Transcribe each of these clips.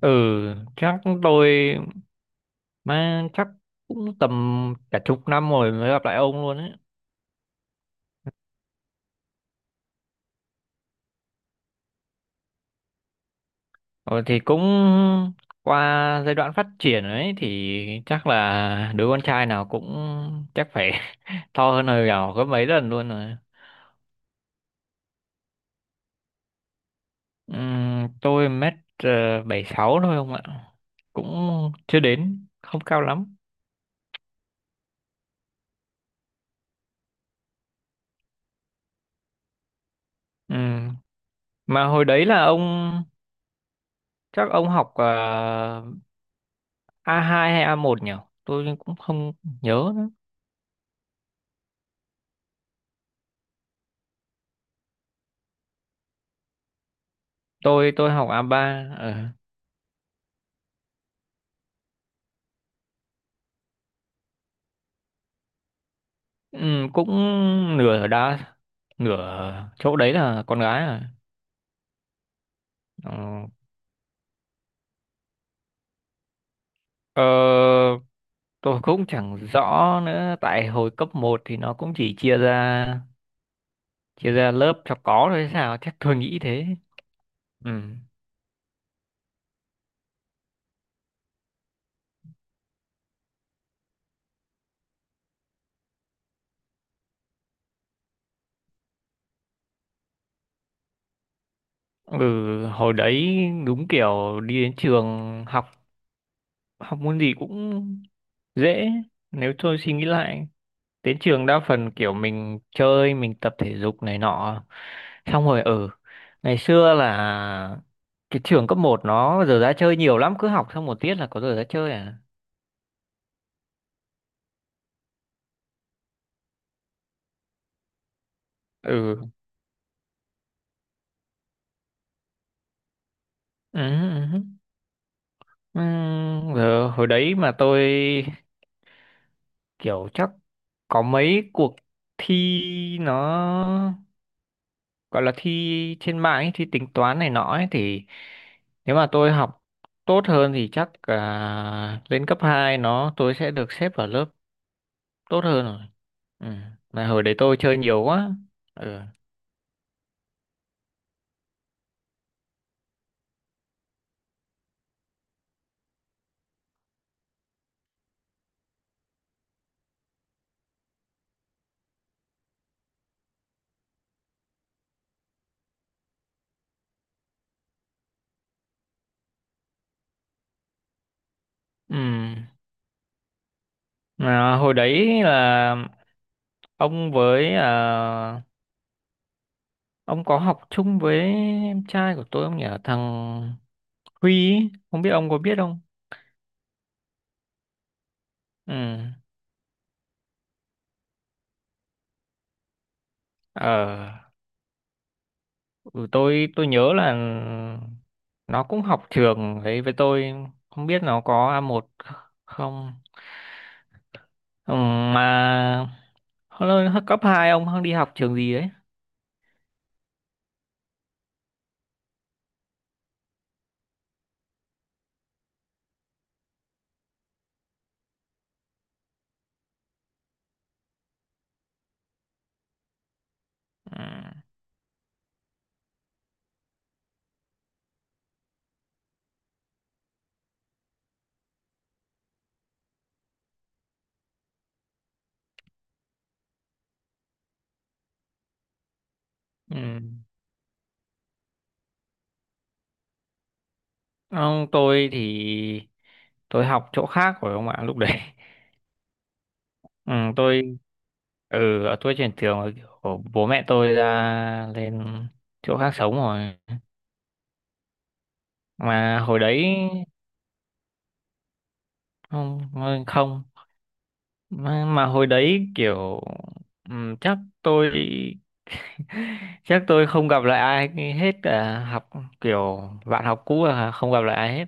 Ừ, chắc tôi, mà chắc cũng tầm cả chục năm rồi mới gặp lại ông luôn ấy. Rồi thì cũng qua giai đoạn phát triển ấy thì chắc là đứa con trai nào cũng chắc phải to hơn hồi nhỏ có mấy lần luôn rồi. Tôi mét bảy sáu thôi không ạ, cũng chưa đến, không cao lắm. Ừm, mà hồi đấy là ông, chắc ông học a hai hay a một nhỉ? Tôi cũng không nhớ nữa. Tôi học a ba. Ờ, ừ, cũng nửa đá, nửa chỗ đấy là con gái à? ờ, ờ, tôi cũng chẳng rõ nữa, tại hồi cấp một thì nó cũng chỉ chia ra lớp cho có thôi hay sao, chắc tôi nghĩ thế. Ừ. Ừ, hồi đấy đúng kiểu đi đến trường học, học môn gì cũng dễ. Nếu tôi suy nghĩ lại, đến trường đa phần kiểu mình chơi, mình tập thể dục này nọ, xong rồi ở ngày xưa là cái trường cấp một nó giờ ra chơi nhiều lắm, cứ học xong một tiết là có giờ ra chơi à. Ừ, ừ, ừ. Ừ. Giờ hồi đấy mà tôi kiểu chắc có mấy cuộc thi, nó gọi là thi trên mạng ấy, thi tính toán này nọ ấy thì nếu mà tôi học tốt hơn thì chắc lên cấp 2 nó tôi sẽ được xếp vào lớp tốt hơn rồi. Ừ. Mà hồi đấy tôi chơi nhiều quá. Ừ. Ừ. Mà hồi đấy là ông với, ông có học chung với em trai của tôi không nhỉ? Thằng Huy ấy, không biết ông có biết không. Ừ. Ờ. Ừ, tôi nhớ là nó cũng học trường ấy với tôi, không biết nó có a một không. Ừ, mà hồi cấp 2 ông đi học trường gì đấy? Ừ. Ừ. Không, tôi thì tôi học chỗ khác rồi ông ạ, lúc đấy. Ừ, ừ, tôi chuyển trường rồi, kiểu bố mẹ tôi ra, lên chỗ khác sống rồi. Mà hồi đấy không, không, mà hồi đấy kiểu, ừ, chắc tôi chắc tôi không gặp lại ai hết cả, học kiểu bạn học cũ là không gặp lại ai hết.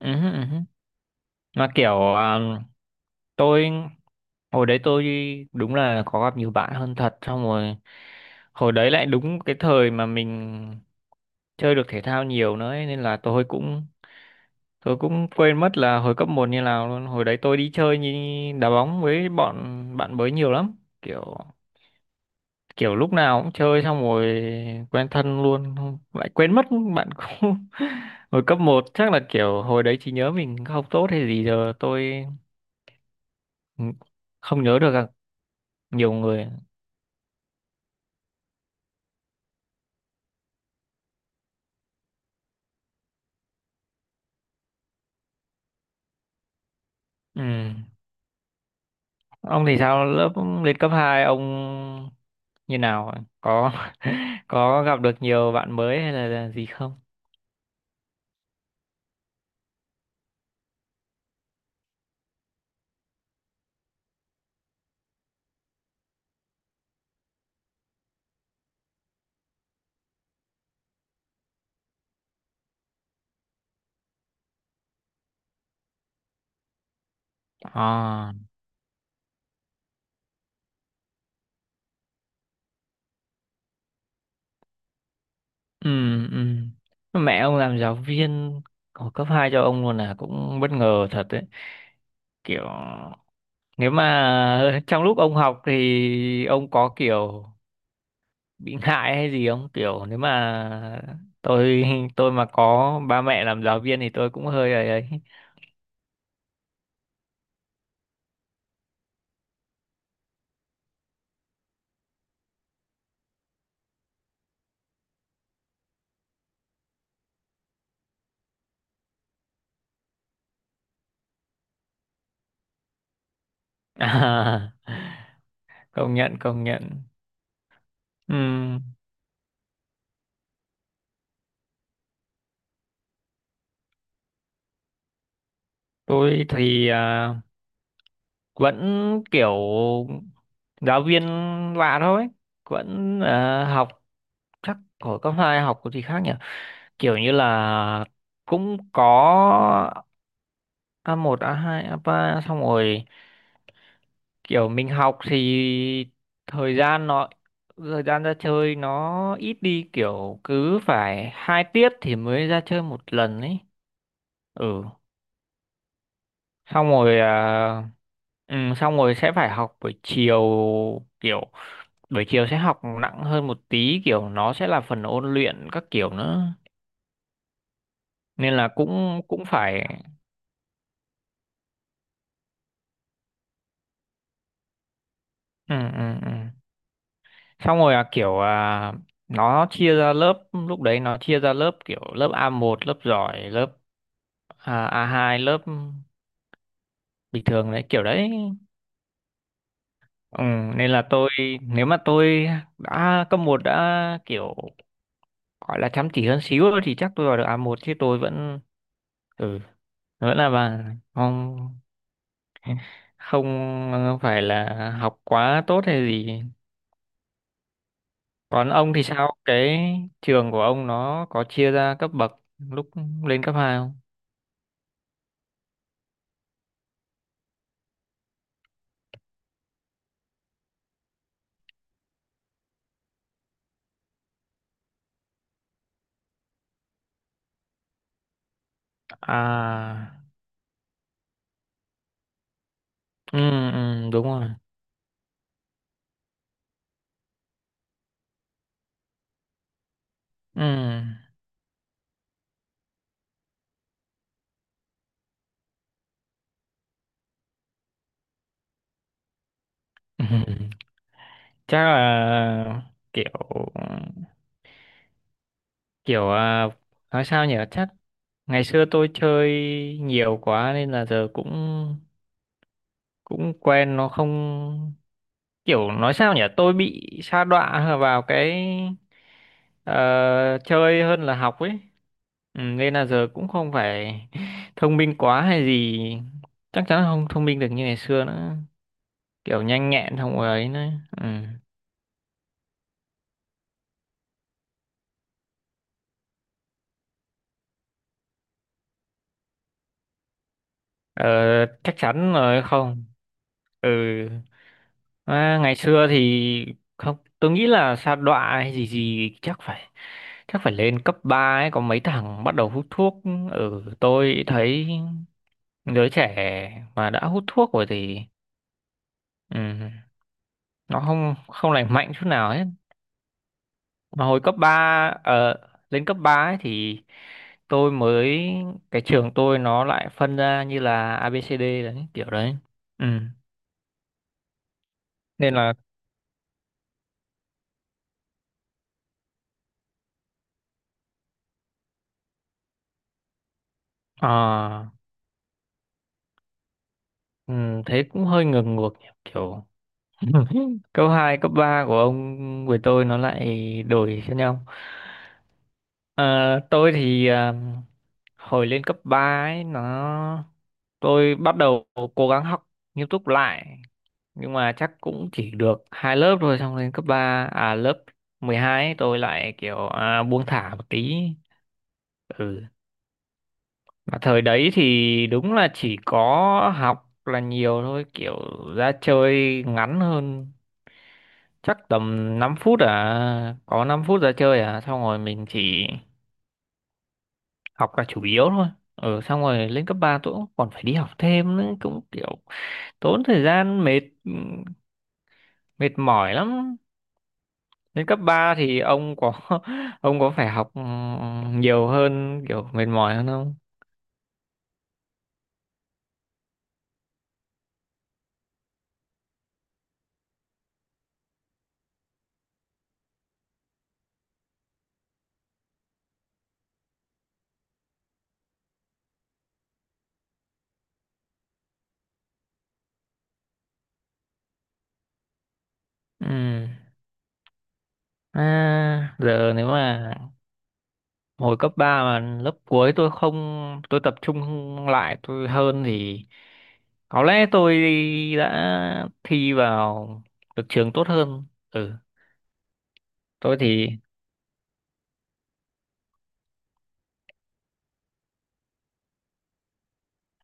Ừ, ừ, ừ. Mà kiểu tôi hồi đấy tôi đúng là có gặp nhiều bạn hơn thật, xong rồi hồi đấy lại đúng cái thời mà mình chơi được thể thao nhiều nữa ấy, nên là tôi cũng quên mất là hồi cấp một như nào luôn. Hồi đấy tôi đi chơi như đá bóng với bọn bạn mới nhiều lắm, kiểu kiểu lúc nào cũng chơi, xong rồi quen thân luôn, không lại quên mất bạn cũng hồi cấp một chắc là kiểu hồi đấy trí nhớ mình không tốt hay gì, giờ tôi không nhớ được nhiều người. Ừ. Ông thì sao? Lớp lên cấp 2 ông như nào ạ? Có có gặp được nhiều bạn mới hay là gì không? À, ừ, ừ. Mẹ ông làm giáo viên của cấp 2 cho ông luôn là cũng bất ngờ thật đấy. Kiểu nếu mà trong lúc ông học thì ông có kiểu bị ngại hay gì không? Kiểu nếu mà tôi tôi mà có ba mẹ làm giáo viên thì tôi cũng hơi ấy ấy. À, công nhận công nhận. Ừ. Tôi thì vẫn kiểu giáo viên lạ thôi, vẫn học. Chắc hồi cấp 2 học có gì khác nhỉ? Kiểu như là cũng có a một a hai a ba, xong rồi kiểu mình học thì thời gian nó, thời gian ra chơi nó ít đi, kiểu cứ phải hai tiết thì mới ra chơi một lần ấy. Ừ. xong rồi à, xong rồi sẽ phải học buổi chiều, kiểu buổi chiều sẽ học nặng hơn một tí, kiểu nó sẽ là phần ôn luyện các kiểu nữa, nên là cũng cũng phải. Ừ, ừ, ừ. Xong rồi là kiểu nó chia ra lớp, lúc đấy nó chia ra lớp kiểu lớp a một lớp giỏi, lớp a hai lớp bình thường đấy kiểu đấy. Ừ, nên là tôi, nếu mà tôi đã cấp một đã kiểu gọi là chăm chỉ hơn xíu thôi thì chắc tôi vào được a một, chứ tôi ừ vẫn là bà, không, không phải là học quá tốt hay gì. Còn ông thì sao, cái trường của ông nó có chia ra cấp bậc lúc lên cấp hai không? À. Ừ, ừ đúng rồi. Ừ. Chắc là kiểu kiểu nói sao nhỉ, chắc ngày xưa tôi chơi nhiều quá nên là giờ cũng cũng quen nó không, kiểu nói sao nhỉ, tôi bị sa đọa vào cái ờ, chơi hơn là học ấy. Ừ, nên là giờ cũng không phải thông minh quá hay gì, chắc chắn là không thông minh được như ngày xưa nữa, kiểu nhanh nhẹn không ấy nữa. Ừ. Ờ, chắc chắn rồi. Không. Ừ. À, ngày xưa thì không, tôi nghĩ là sa đọa hay gì gì chắc phải lên cấp 3 ấy có mấy thằng bắt đầu hút thuốc, ở tôi thấy giới trẻ mà đã hút thuốc rồi thì, ừ, nó không không lành mạnh chút nào hết. Mà hồi cấp ba, lên cấp 3 ấy thì tôi mới, cái trường tôi nó lại phân ra như là A ABCD đấy kiểu đấy. Ừ, nên là ờ, ừ, thế cũng hơi ngược ngược nhỉ, kiểu cấp 2 cấp 3 của ông với tôi nó lại đổi cho nhau. Ờ, tôi thì hồi lên cấp 3 ấy nó, tôi bắt đầu cố gắng học nghiêm túc lại, nhưng mà chắc cũng chỉ được hai lớp thôi, xong lên cấp ba, lớp 12 ấy, tôi lại kiểu buông thả một tí. Ừ, mà thời đấy thì đúng là chỉ có học là nhiều thôi, kiểu ra chơi ngắn hơn, chắc tầm 5 phút à, có 5 phút ra chơi à, xong rồi mình chỉ học là chủ yếu thôi. Ừ, xong rồi lên cấp 3 tôi cũng còn phải đi học thêm nữa, cũng kiểu tốn thời gian, mệt mệt mỏi lắm. Lên cấp 3 thì ông có ông có phải học nhiều hơn, kiểu mệt mỏi hơn không? Ừ, giờ nếu mà hồi cấp 3 mà lớp cuối tôi không, tôi tập trung lại tôi hơn, thì có lẽ tôi đã thi vào được trường tốt hơn. Ừ. Tôi thì,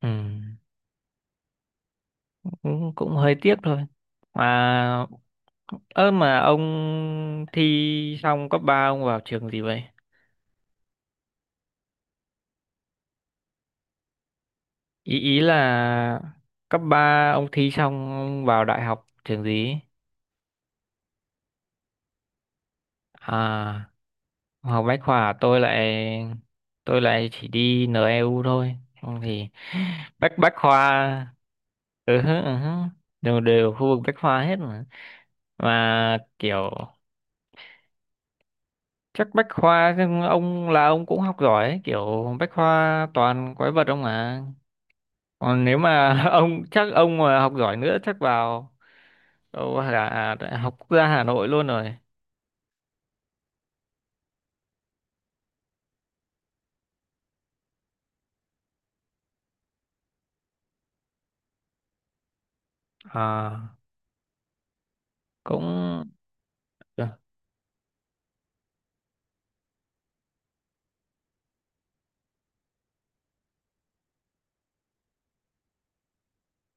ừ, cũng hơi tiếc thôi. Mà ơ, mà ông thi xong cấp 3 ông vào trường gì vậy? Ý ý là cấp 3 ông thi xong ông vào đại học trường gì? À, học bách khoa. Tôi lại chỉ đi NEU thôi, không thì. Bách bách khoa. Ừ hứ, ừ hứ. Đều đều khu vực bách khoa hết Mà kiểu chắc bách khoa, ông là ông cũng học giỏi ấy, kiểu bách khoa toàn quái vật ông mà. Còn nếu mà ông, chắc ông mà học giỏi nữa chắc vào đâu là đại học quốc gia Hà Nội luôn rồi. À, cũng, ừ,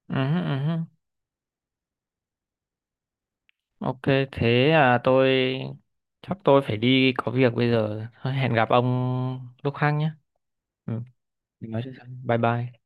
ừ, ừ. Ok, thế à, tôi, chắc tôi phải đi có việc bây giờ. Thôi, hẹn gặp ông lúc khác nhé. Ừ, mình nói chuyện sau. Bye bye.